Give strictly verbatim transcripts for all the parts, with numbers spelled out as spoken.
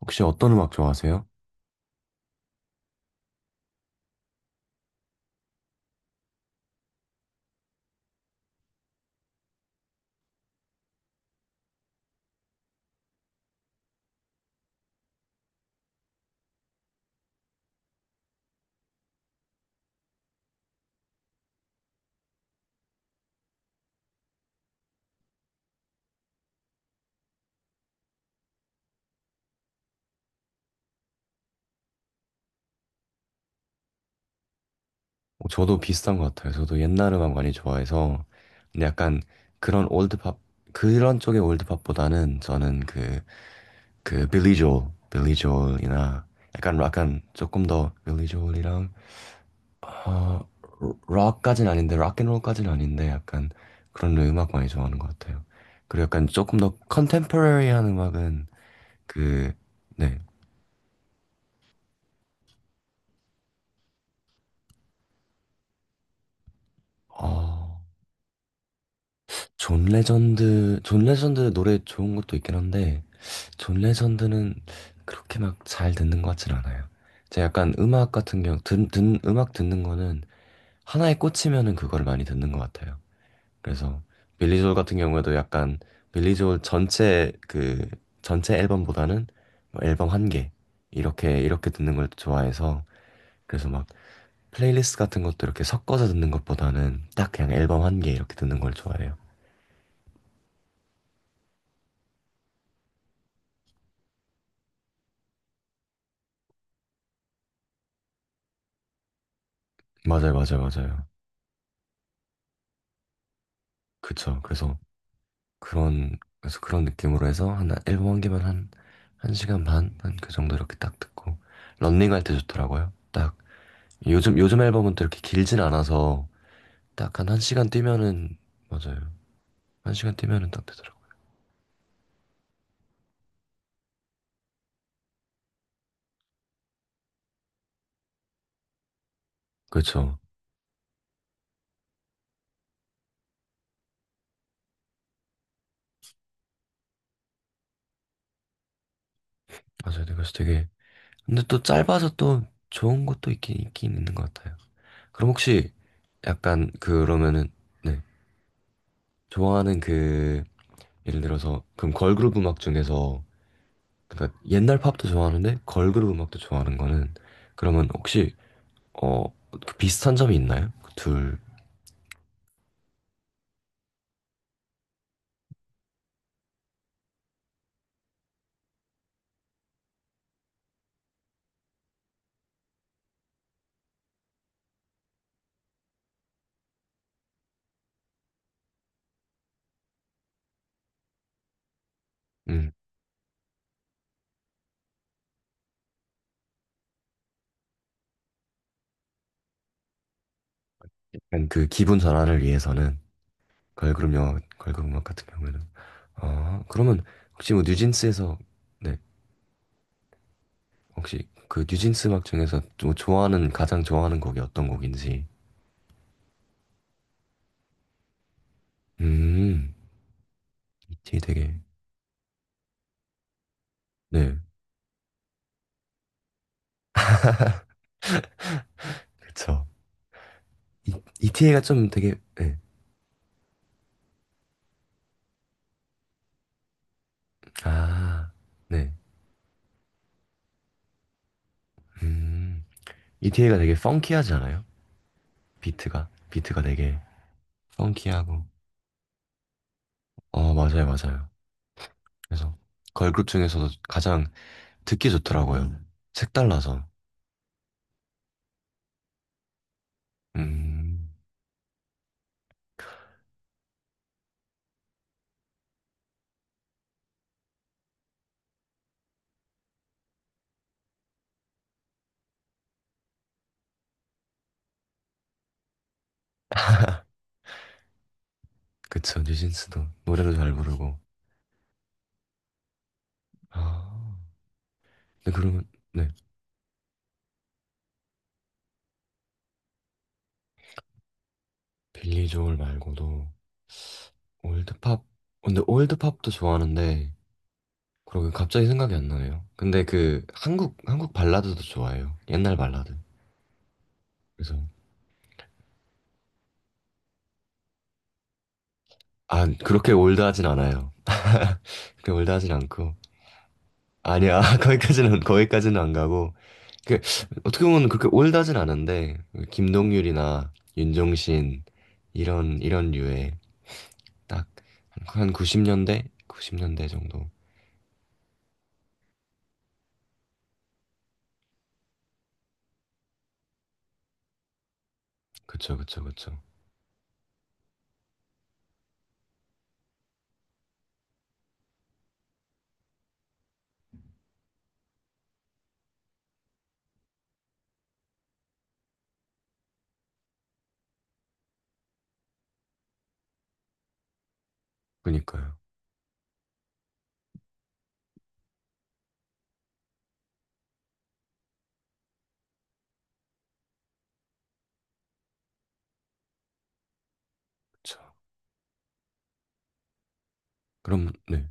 혹시 어떤 음악 좋아하세요? 어, 저도 비슷한 것 같아요. 저도 옛날 음악 많이 좋아해서. 근데 약간 그런 올드팝 그런 쪽의 올드팝보다는 저는 그 그 빌리 조엘, 빌리 조엘이나 약간 약간 조금 더 빌리 조엘이랑 어 록까지는 아닌데 락앤롤까지는 아닌데 약간 그런 음악 많이 좋아하는 것 같아요. 그리고 약간 조금 더 컨템포러리한 음악은 그 네. 어, 존 레전드 존 레전드 노래 좋은 것도 있긴 한데 존 레전드는 그렇게 막 잘 듣는 것 같진 않아요. 제가 약간 음악 같은 경우, 듣, 듣, 음악 듣는 거는 하나에 꽂히면은 그거를 많이 듣는 것 같아요. 그래서 빌리 조엘 같은 경우에도 약간 빌리 조엘 전체 그 전체 앨범보다는 뭐 앨범 한 개 이렇게 이렇게 듣는 걸 좋아해서. 그래서 막 플레이리스트 같은 것도 이렇게 섞어서 듣는 것보다는 딱 그냥 앨범 한 개 이렇게 듣는 걸 좋아해요. 맞아요, 맞아요, 맞아요. 그쵸. 그래서 그런 그래서 그런 느낌으로 해서 한 앨범 한 개만 한 한 시간 반 한 그 정도 이렇게 딱 듣고 런닝 할 때 좋더라고요. 딱. 요즘 요즘 앨범은 또 이렇게 길진 않아서 딱 한 한 시간 뛰면은. 맞아요. 한 시간 뛰면은 딱 되더라고요. 그렇죠. 맞아요. 네, 그래서 되게 근데 또 짧아서 또 좋은 것도 있긴 있긴 있는 것 같아요. 그럼 혹시 약간 그러면은, 네, 좋아하는 그 예를 들어서 그럼 걸그룹 음악 중에서, 그러니까 옛날 팝도 좋아하는데 걸그룹 음악도 좋아하는 거는, 그러면 혹시 어 비슷한 점이 있나요? 그 둘. 음, 약간 그 기분 전환을 위해서는 걸그룹 영화, 걸그룹 음악 같은 경우에는. 아 그러면 혹시 뭐 뉴진스에서, 네, 혹시 그 뉴진스 음악 중에서 좀 좋아하는 가장 좋아하는 곡이 어떤 곡인지. 음 이티에이 되게 네 그쵸. 이, 이티에이가 좀 되게 네. 아, 네. 음, 이티에이가 되게 펑키하지 않아요? 비트가 비트가 되게 펑키하고. 어 맞아요, 맞아요. 그래서 걸그룹 중에서도 가장 듣기 좋더라고요, 색달라서. 음, 그쵸. 뉴진스도 노래도 잘 부르고. 아 근데 그러면, 네, 빌리 조엘 말고도 올드팝 근데 올드팝도 좋아하는데 그러게 갑자기 생각이 안 나네요. 근데 그 한국 한국 발라드도 좋아해요, 옛날 발라드. 그래서. 아 그렇게 올드하진 않아요. 그렇게 올드하진 않고. 아니야. 거기까지는 거기까지는 안 가고, 그 어떻게 보면 그렇게 올드하진 않은데 김동률이나 윤종신 이런 이런 류의 딱한 구십 년대 구십 년대 정도. 그쵸, 그쵸, 그쵸. 그니까요. 그쵸. 그럼, 네.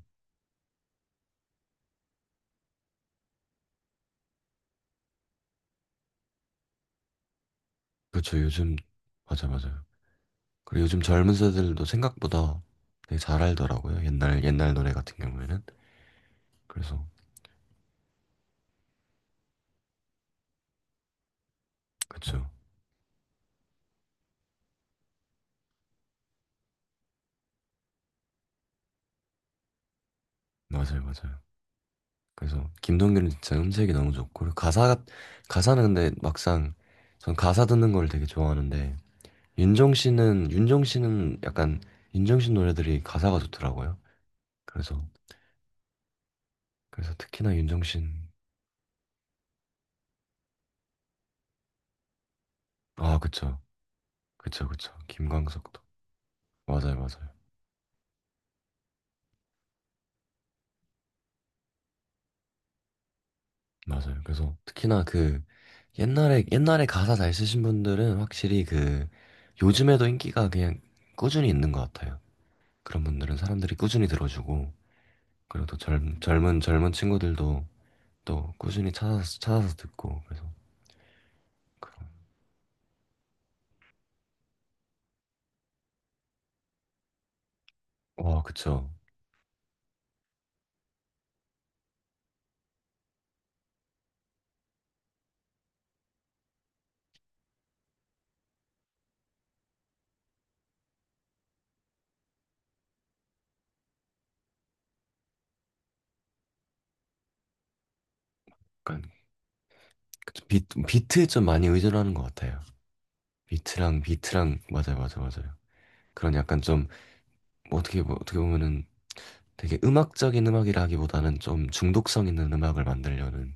그쵸 요즘, 맞아, 맞아요. 그리고 요즘 젊은 세대들도 생각보다 되게 잘 알더라고요. 옛날 옛날 노래 같은 경우에는. 그래서. 그쵸. 맞아요, 맞아요. 그래서 김동률은 진짜 음색이 너무 좋고 그리고 가사가 가사는 근데 막상 전 가사 듣는 걸 되게 좋아하는데 윤종 씨는 윤종 씨는 약간 윤종 신 노래들이 가사가 좋더라고요. 그래서 그래서 특히나 윤종 신아. 그쵸, 그쵸, 그쵸. 김광석도. 맞아요, 맞아요, 맞아요. 그래서 특히나 그 옛날에 옛날에 가사 잘 쓰신 분들은 확실히 그 요즘에도 인기가 그냥 꾸준히 있는 것 같아요. 그런 분들은 사람들이 꾸준히 들어주고, 그리고 또 젊, 젊은 젊은 친구들도 또 꾸준히 찾아서 찾아서 듣고, 그래서. 그런- 와 그쵸. 그러니까 그쵸. 비트, 비트에 좀 많이 의존하는 것 같아요. 비트랑 비트랑 맞아요, 맞아요, 맞아요. 그런 약간 좀뭐 어떻게 보- 어떻게 보면은 되게 음악적인 음악이라기보다는 좀 중독성 있는 음악을 만들려는,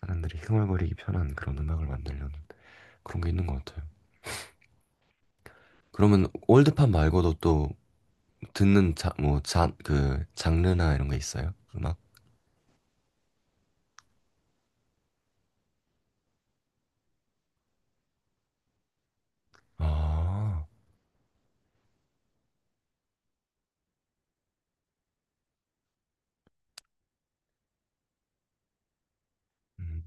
사람들이 흥얼거리기 편한 그런 음악을 만들려는 그런 게 있는 것 같아요. 그러면 올드팝 말고도 또 듣는 자, 뭐 자, 그 장르나 이런 게 있어요, 음악? 아 음,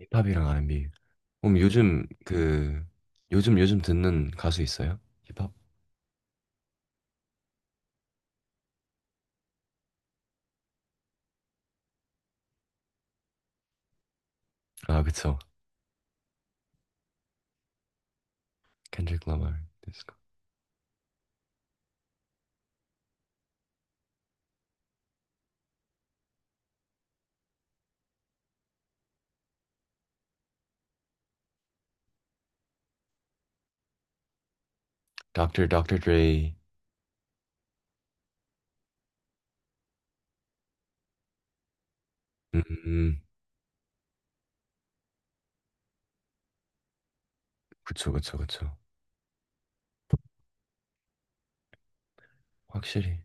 힙합이랑 알앤비. 그럼 요즘 그 요즘 요즘 듣는 가수 있어요? 힙합? 아 그쵸. Kendrick Lamar, 디스코. 닥터 닥터 Dre. 음, 음. 음. 그쵸, 그쵸, 그쵸. 확실히.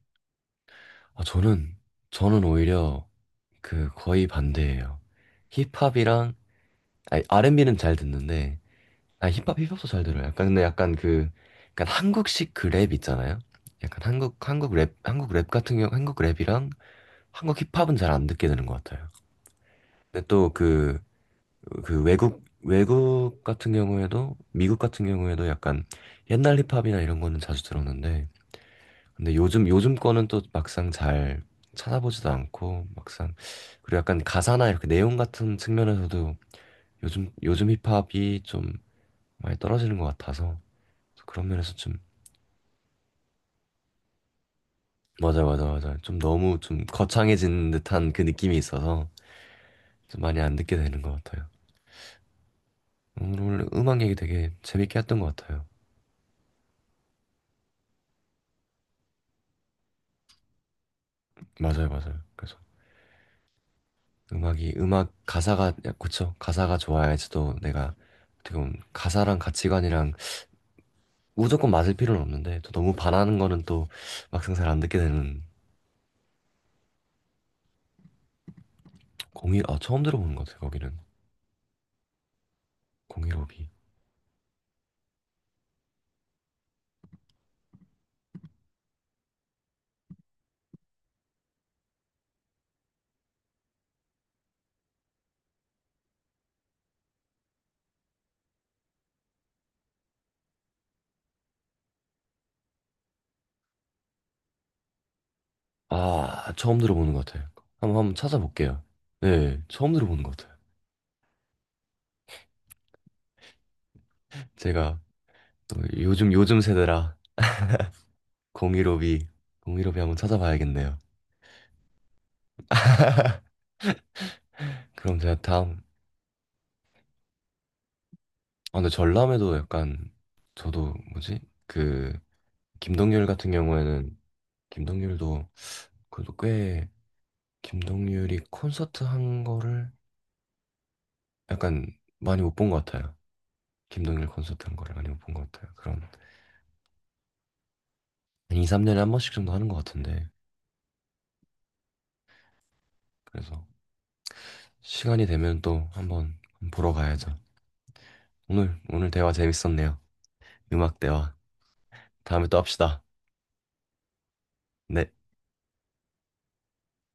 아 저는 저는 오히려 그 거의 반대예요. 힙합이랑, 아니, 알앤비는 잘 듣는데. 아 힙합 힙합도 잘 들어요. 약간 근데 약간 그 약간 한국식 그 랩 있잖아요. 약간 한국 한국 랩 한국 랩 같은 경우 한국 랩이랑 한국 힙합은 잘 안 듣게 되는 것 같아요. 근데 또 그, 그 외국, 외국 같은 경우에도, 미국 같은 경우에도 약간 옛날 힙합이나 이런 거는 자주 들었는데, 근데 요즘, 요즘 거는 또 막상 잘 찾아보지도 않고, 막상, 그리고 약간 가사나 이렇게 내용 같은 측면에서도 요즘, 요즘 힙합이 좀 많이 떨어지는 것 같아서, 그런 면에서 좀. 맞아, 맞아, 맞아. 좀 너무 좀 거창해진 듯한 그 느낌이 있어서 좀 많이 안 듣게 되는 것 같아요. 음, 오늘 음악 얘기 되게 재밌게 했던 것 같아요. 맞아요, 맞아요. 그래서 음악이 음악 가사가 그쵸. 가사가 좋아야지 또 내가 어떻게 보면 가사랑 가치관이랑 무조건 맞을 필요는 없는데 또 너무 반하는 거는 또 막상 잘 안 듣게 되는. 공이 아 처음 들어보는 것 같아요, 거기는. 공일오비. 아 처음 들어보는 것 같아요. 한번 한번 찾아볼게요. 네, 처음 들어보는 것 같아요. 제가 또 요즘 요즘 세대라. 공일오비 공일오비 한번 찾아봐야겠네요. 그럼 제가 다음, 아 근데 전람회도 약간, 저도 뭐지. 그 김동률 같은 경우에는 김동률도 그래도 꽤 김동률이 콘서트 한 거를 약간 많이 못 본 것 같아요. 김동률 콘서트 한 거를 많이 못 본 것 같아요. 그런. 한 이, 삼 년에 한 번씩 정도 하는 것 같은데. 그래서 시간이 되면 또 한번 보러 가야죠. 오늘 오늘 대화 재밌었네요. 음악 대화. 다음에 또 합시다. 네.